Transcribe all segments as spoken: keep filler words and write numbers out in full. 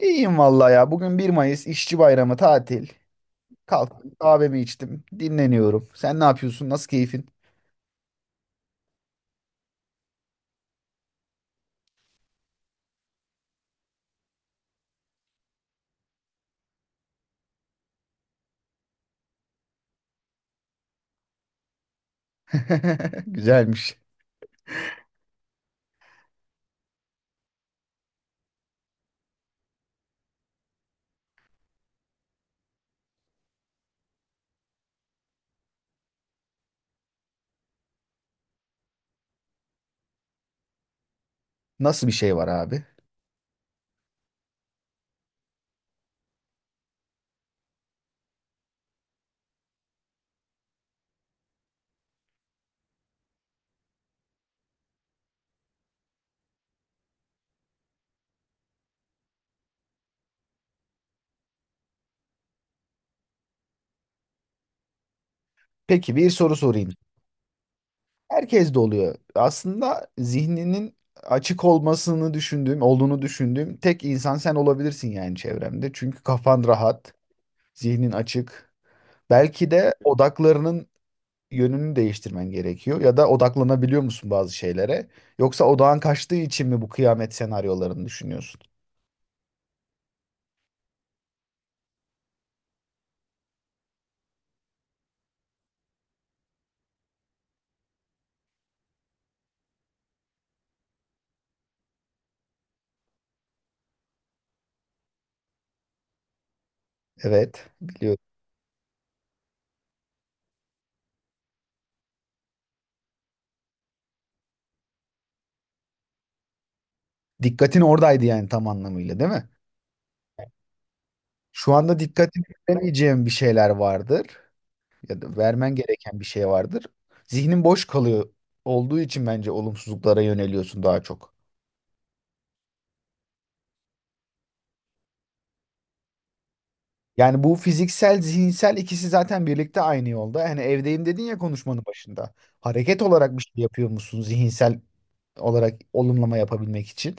İyiyim vallahi ya. Bugün bir Mayıs İşçi Bayramı tatil. Kalktım kahvemi içtim. Dinleniyorum. Sen ne yapıyorsun? Nasıl keyfin? Güzelmiş. Nasıl bir şey var abi? Peki bir soru sorayım. Herkes de oluyor. Aslında zihninin açık olmasını düşündüğüm, olduğunu düşündüğüm tek insan sen olabilirsin yani çevremde. Çünkü kafan rahat, zihnin açık. Belki de odaklarının yönünü değiştirmen gerekiyor ya da odaklanabiliyor musun bazı şeylere? Yoksa odağın kaçtığı için mi bu kıyamet senaryolarını düşünüyorsun? Evet, biliyorum. Dikkatin oradaydı yani tam anlamıyla, değil mi? Şu anda dikkatini veremeyeceğin bir şeyler vardır ya da vermen gereken bir şey vardır. Zihnin boş kalıyor olduğu için bence olumsuzluklara yöneliyorsun daha çok. Yani bu fiziksel, zihinsel ikisi zaten birlikte aynı yolda. Hani evdeyim dedin ya konuşmanın başında. Hareket olarak bir şey yapıyor musun zihinsel olarak olumlama yapabilmek için?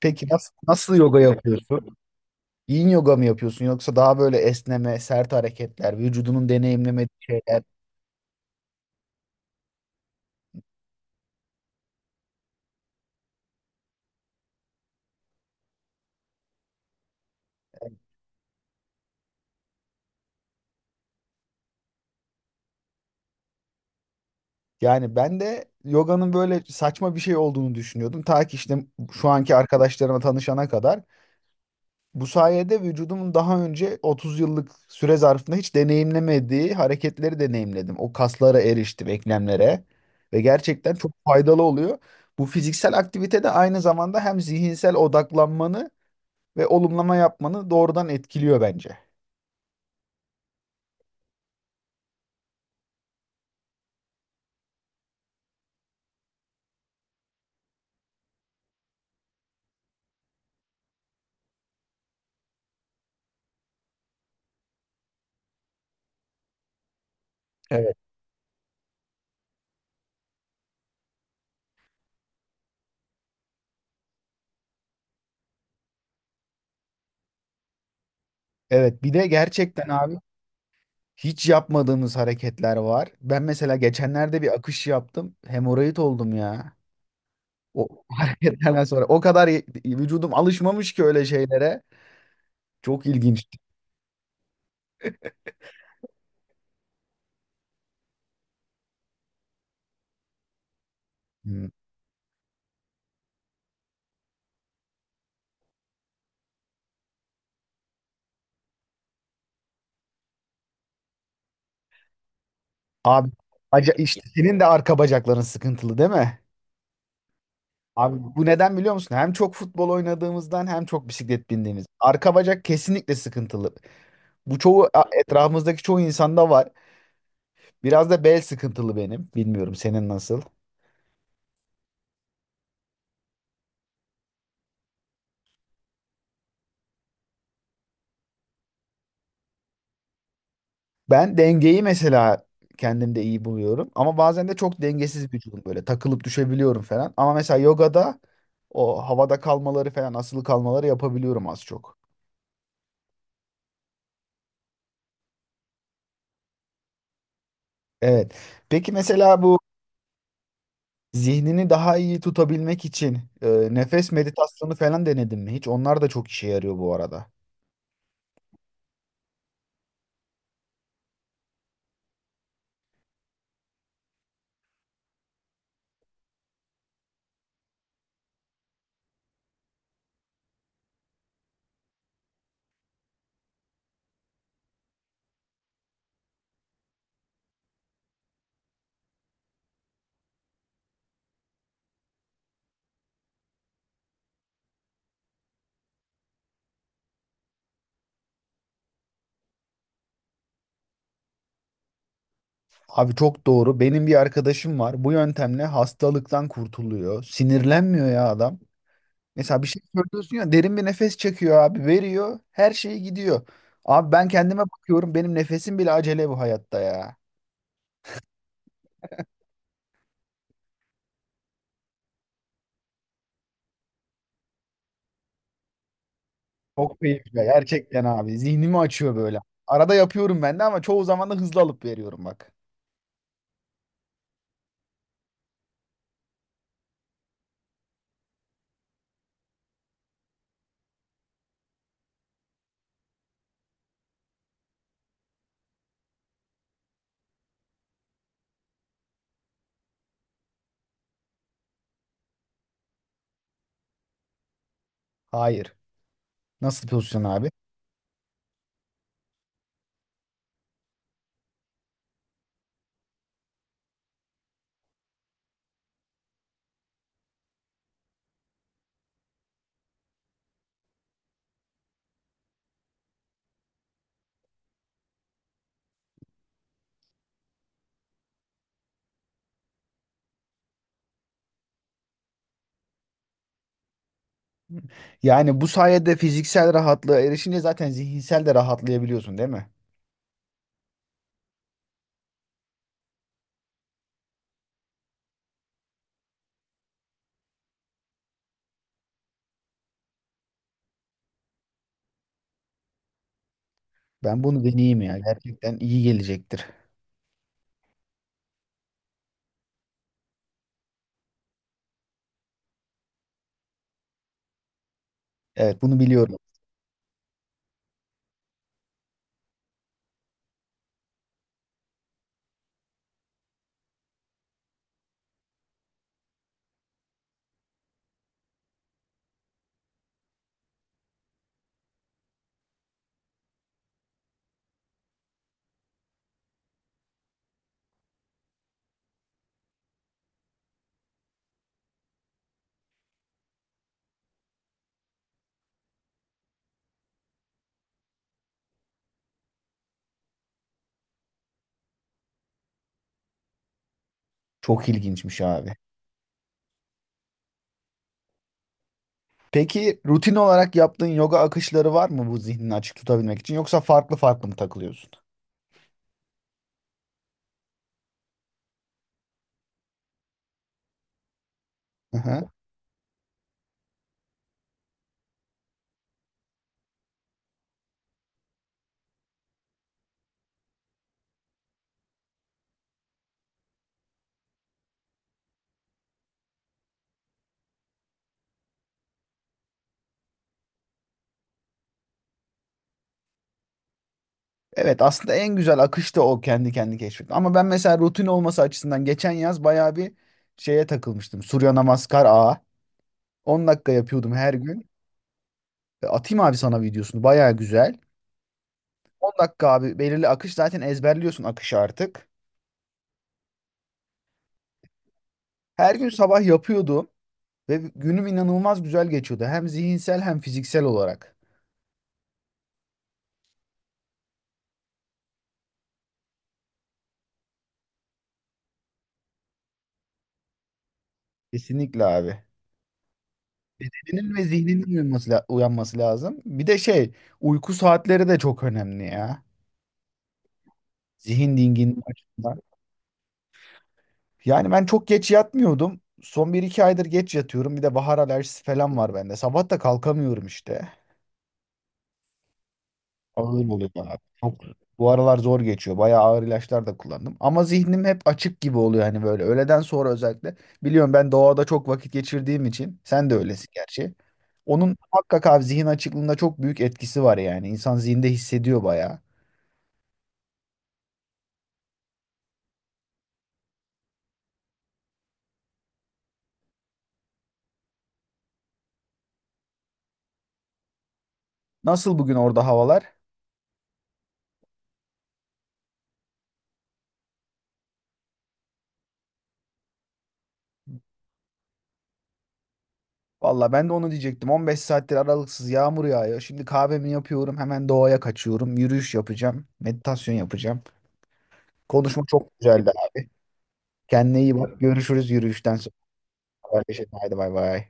Peki nasıl, nasıl yoga yapıyorsun? Yin yoga mı yapıyorsun yoksa daha böyle esneme, sert hareketler, vücudunun deneyimlemediği şeyler? Yani ben de yoganın böyle saçma bir şey olduğunu düşünüyordum. Ta ki işte şu anki arkadaşlarıma tanışana kadar. Bu sayede vücudumun daha önce otuz yıllık süre zarfında hiç deneyimlemediği hareketleri deneyimledim. O kaslara eriştim, eklemlere ve gerçekten çok faydalı oluyor. Bu fiziksel aktivite de aynı zamanda hem zihinsel odaklanmanı ve olumlama yapmanı doğrudan etkiliyor bence. Evet. Evet bir de gerçekten abi hiç yapmadığımız hareketler var. Ben mesela geçenlerde bir akış yaptım. Hemoroid oldum ya. O hareketlerden sonra o kadar y- vücudum alışmamış ki öyle şeylere. Çok ilginçti. Hmm. Abi aca işte senin de arka bacakların sıkıntılı değil mi? Abi bu neden biliyor musun? Hem çok futbol oynadığımızdan hem çok bisiklet bindiğimiz. Arka bacak kesinlikle sıkıntılı. Bu çoğu a- etrafımızdaki çoğu insanda var. Biraz da bel sıkıntılı benim. Bilmiyorum senin nasıl. Ben dengeyi mesela kendimde iyi buluyorum. Ama bazen de çok dengesiz vücudum böyle. Takılıp düşebiliyorum falan. Ama mesela yogada o havada kalmaları falan asılı kalmaları yapabiliyorum az çok. Evet. Peki mesela bu zihnini daha iyi tutabilmek için e, nefes meditasyonu falan denedin mi hiç? Onlar da çok işe yarıyor bu arada. Abi çok doğru. Benim bir arkadaşım var. Bu yöntemle hastalıktan kurtuluyor. Sinirlenmiyor ya adam. Mesela bir şey söylüyorsun ya derin bir nefes çekiyor abi veriyor her şey gidiyor. Abi ben kendime bakıyorum benim nefesim bile acele bu hayatta ya. Çok keyifli gerçekten abi zihnimi açıyor böyle. Arada yapıyorum ben de ama çoğu zaman da hızlı alıp veriyorum bak. Hayır. Nasıl pozisyon abi? Yani bu sayede fiziksel rahatlığa erişince zaten zihinsel de rahatlayabiliyorsun değil mi? Ben bunu deneyeyim ya gerçekten iyi gelecektir. Evet bunu biliyorum. Çok ilginçmiş abi. Peki rutin olarak yaptığın yoga akışları var mı bu zihnini açık tutabilmek için yoksa farklı farklı mı takılıyorsun? Hı hı. Evet aslında en güzel akış da o kendi kendi keşfetmek. Ama ben mesela rutin olması açısından geçen yaz bayağı bir şeye takılmıştım. Surya Namaskar Ağa. on dakika yapıyordum her gün. E, Atayım abi sana videosunu bayağı güzel. on dakika abi belirli akış zaten ezberliyorsun akışı artık. Her gün sabah yapıyordum ve günüm inanılmaz güzel geçiyordu. Hem zihinsel hem fiziksel olarak. Kesinlikle abi. Bedeninin ve zihninin uyuması la- uyanması lazım. Bir de şey, uyku saatleri de çok önemli ya. Zihin dinginliği açısından. Yani ben çok geç yatmıyordum. Son bir iki aydır geç yatıyorum. Bir de bahar alerjisi falan var bende. Sabah da kalkamıyorum işte. Ağır oluyor abi. Çok bu aralar zor geçiyor. Bayağı ağır ilaçlar da kullandım. Ama zihnim hep açık gibi oluyor hani böyle. Öğleden sonra özellikle. Biliyorum ben doğada çok vakit geçirdiğim için. Sen de öylesin gerçi. Onun muhakkak abi zihin açıklığında çok büyük etkisi var yani. İnsan zihinde hissediyor bayağı. Nasıl bugün orada havalar? Valla ben de onu diyecektim. on beş saattir aralıksız yağmur yağıyor. Şimdi kahvemi yapıyorum. Hemen doğaya kaçıyorum. Yürüyüş yapacağım. Meditasyon yapacağım. Konuşma çok güzeldi abi. Kendine iyi bak. Görüşürüz yürüyüşten sonra. Haberleşelim. Haydi bay bay.